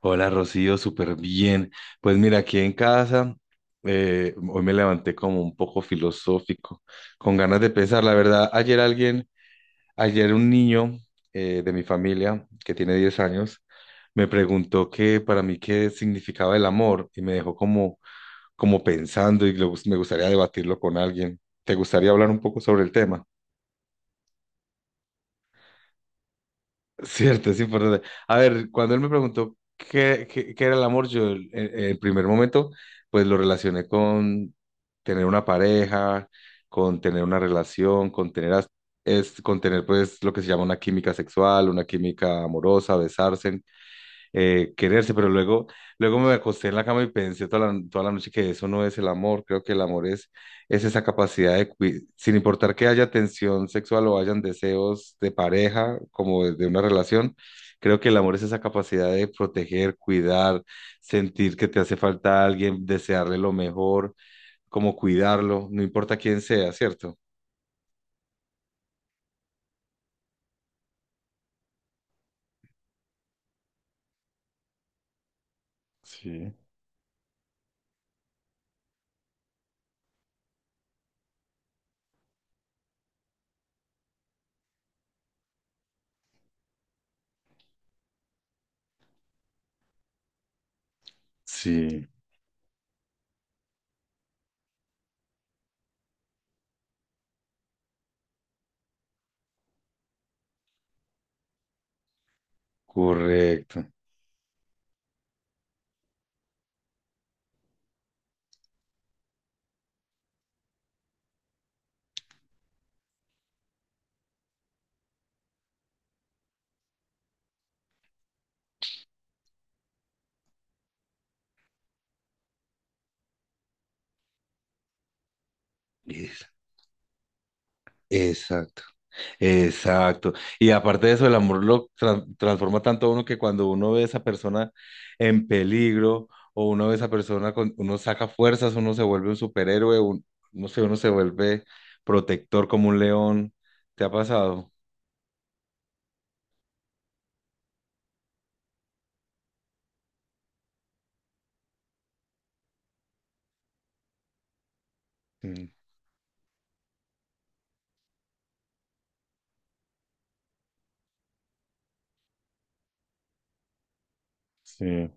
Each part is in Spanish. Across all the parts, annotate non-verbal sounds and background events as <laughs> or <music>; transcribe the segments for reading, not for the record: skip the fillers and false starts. Hola Rocío, súper bien. Pues mira, aquí en casa, hoy me levanté como un poco filosófico, con ganas de pensar. La verdad, ayer un niño de mi familia, que tiene 10 años, me preguntó que para mí qué significaba el amor y me dejó como pensando y me gustaría debatirlo con alguien. ¿Te gustaría hablar un poco sobre el tema? Cierto, es importante. A ver, cuando él me preguntó qué era el amor, en el primer momento, pues lo relacioné con tener una pareja, con tener una relación, con tener pues lo que se llama una química sexual, una química amorosa, besarse, quererse, pero luego me acosté en la cama y pensé toda la noche que eso no es el amor, creo que es esa capacidad de sin importar que haya tensión sexual o hayan deseos de pareja, como de una relación, creo que el amor es esa capacidad de proteger, cuidar, sentir que te hace falta a alguien, desearle lo mejor, como cuidarlo, no importa quién sea, ¿cierto? Sí, sí. Correcto. Es- Exacto. Exacto. Y aparte de eso, el amor lo transforma tanto a uno que cuando uno ve a esa persona en peligro o uno ve a esa persona, uno saca fuerzas, uno se vuelve un superhéroe, no sé, uno se vuelve protector como un león. ¿Te ha pasado? Mm, sí.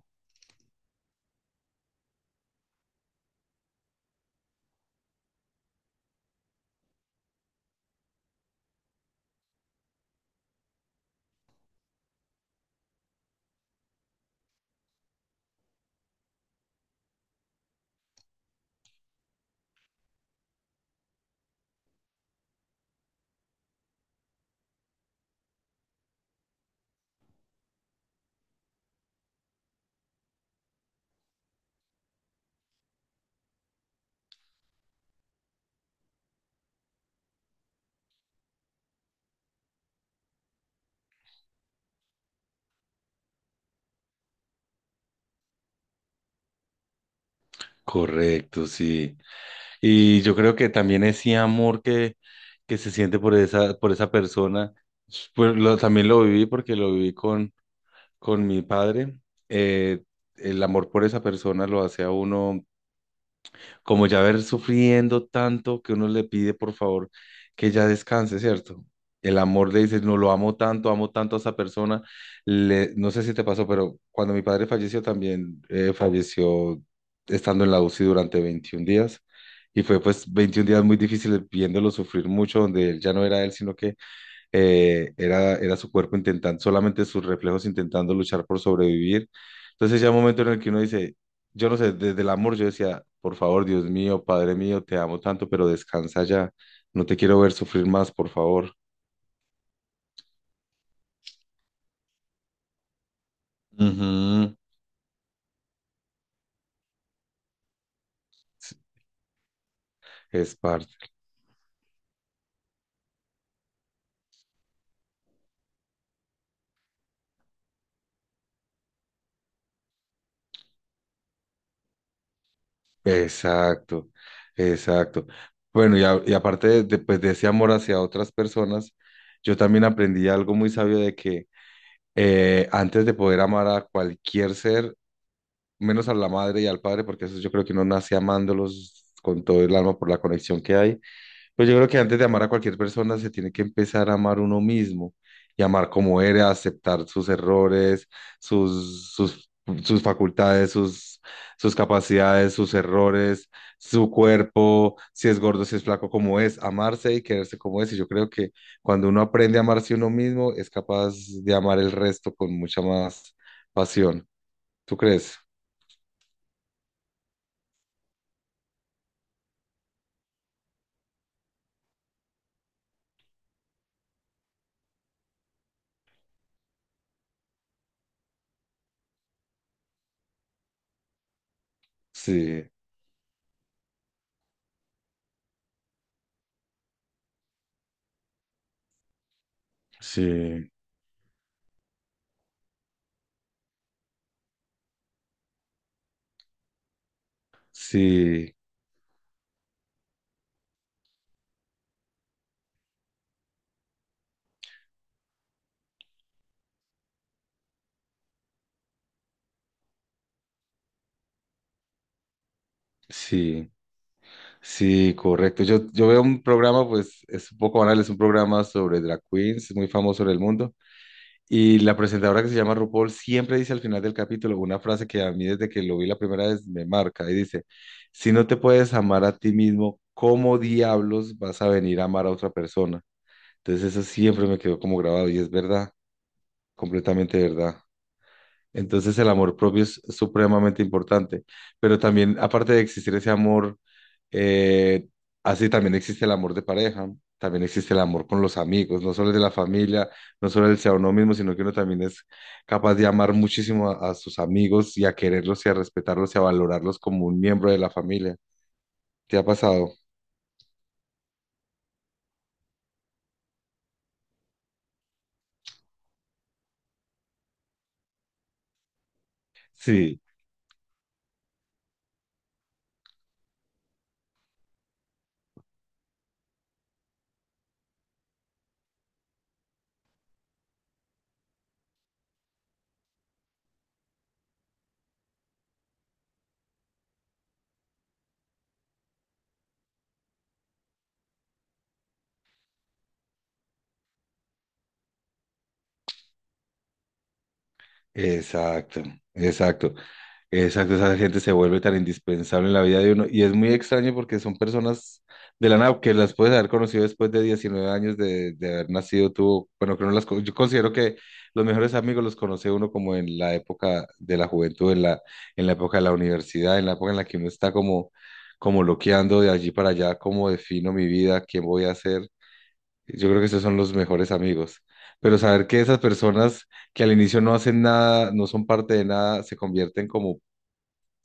Correcto, sí. Y yo creo que también ese amor que se siente por por esa persona, pues también lo viví porque lo viví con mi padre, eh, el amor por esa persona lo hace a uno como ya ver sufriendo tanto que uno le pide por favor que ya descanse, ¿cierto? El amor le dice, no lo amo tanto a esa persona. No sé si te pasó, pero cuando mi padre falleció también falleció estando en la UCI durante 21 días. Y fue pues 21 días muy difíciles viéndolo sufrir mucho, donde él ya no era él, sino que era su cuerpo intentando, solamente sus reflejos intentando luchar por sobrevivir. Entonces ya un momento en el que uno dice, yo no sé, desde el amor yo decía, por favor, Dios mío, Padre mío, te amo tanto, pero descansa ya, no te quiero ver sufrir más, por favor. Ujú. Es parte. Exacto, exacto. Bueno, y aparte pues, de ese amor hacia otras personas, yo también aprendí algo muy sabio de que antes de poder amar a cualquier ser, menos a la madre y al padre, porque eso yo creo que uno nace amándolos con todo el alma por la conexión que hay. Pero yo creo que antes de amar a cualquier persona se tiene que empezar a amar uno mismo y amar como eres, aceptar sus errores, sus, sus, sus facultades, sus capacidades, sus errores, su cuerpo, si es gordo, si es flaco, como es, amarse y quererse como es. Y yo creo que cuando uno aprende a amarse uno mismo, es capaz de amar el resto con mucha más pasión. ¿Tú crees? Sí. Sí, sí, sí, sí, correcto. Yo veo un programa, pues es un poco banal, es un programa sobre drag queens, muy famoso en el mundo. Y la presentadora que se llama RuPaul siempre dice al final del capítulo una frase que a mí desde que lo vi la primera vez me marca y dice, si no te puedes amar a ti mismo, ¿cómo diablos vas a venir a amar a otra persona? Entonces eso siempre me quedó como grabado y es verdad, completamente verdad. Entonces el amor propio es supremamente importante, pero también aparte de existir ese amor, eh, así también existe el amor de pareja, también existe el amor con los amigos, no solo el de la familia, no solo el sea uno mismo, sino que uno también es capaz de amar muchísimo a sus amigos y a quererlos y a respetarlos y a valorarlos como un miembro de la familia. ¿Te ha pasado? Sí, exacto, exacto. Exacto, esa gente se vuelve tan indispensable en la vida de uno y es muy extraño porque son personas de la nada que las puedes haber conocido después de 19 años de haber nacido tú. Bueno, que no las, yo considero que los mejores amigos los conoce uno como en la época de la juventud, en la época de la universidad, en la época en la que uno está como loqueando de allí para allá, cómo defino mi vida, quién voy a ser. Yo creo que esos son los mejores amigos. Pero saber que esas personas que al inicio no hacen nada, no son parte de nada, se convierten como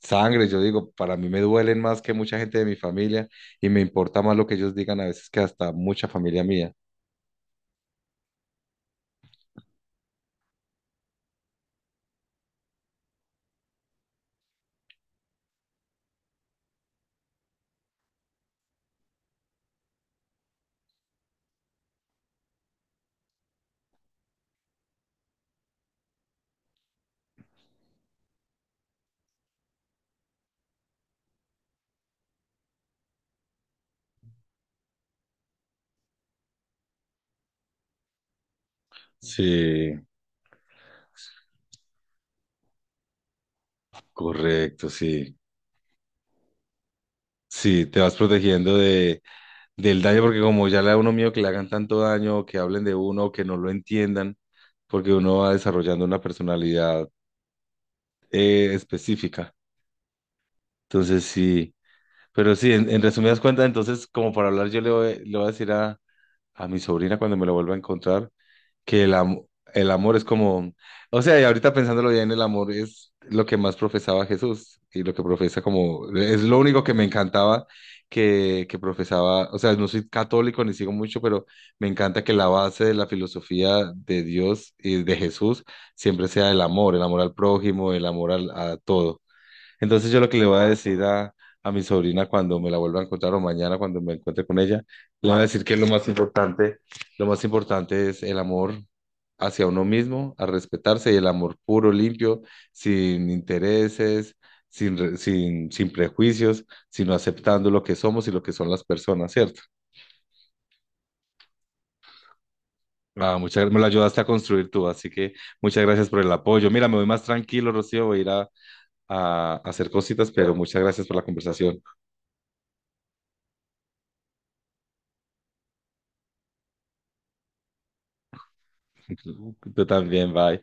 sangre, yo digo, para mí me duelen más que mucha gente de mi familia y me importa más lo que ellos digan a veces que hasta mucha familia mía. Sí, correcto, sí. Sí, te vas protegiendo del daño porque como ya le da uno miedo que le hagan tanto daño, o que hablen de uno, o que no lo entiendan, porque uno va desarrollando una personalidad específica. Entonces, en resumidas cuentas, entonces, como para hablar, le voy a decir a mi sobrina cuando me la vuelva a encontrar que el amor es como, o sea, y ahorita pensándolo bien, el amor es lo que más profesaba Jesús y lo que profesa como, es lo único que me encantaba que profesaba, o sea, no soy católico ni sigo mucho, pero me encanta que la base de la filosofía de Dios y de Jesús siempre sea el amor al prójimo, el amor a todo. Entonces yo lo que le voy a decir a mi sobrina cuando me la vuelva a encontrar o mañana cuando me encuentre con ella, le voy a decir que lo más importante es el amor hacia uno mismo, a respetarse y el amor puro, limpio, sin intereses, sin prejuicios, sino aceptando lo que somos y lo que son las personas, ¿cierto? Ah, muchas gracias, me lo ayudaste a construir tú, así que muchas gracias por el apoyo. Mira, me voy más tranquilo, Rocío, voy a ir a hacer cositas, pero muchas gracias por la conversación. <laughs> Tú, también, bye.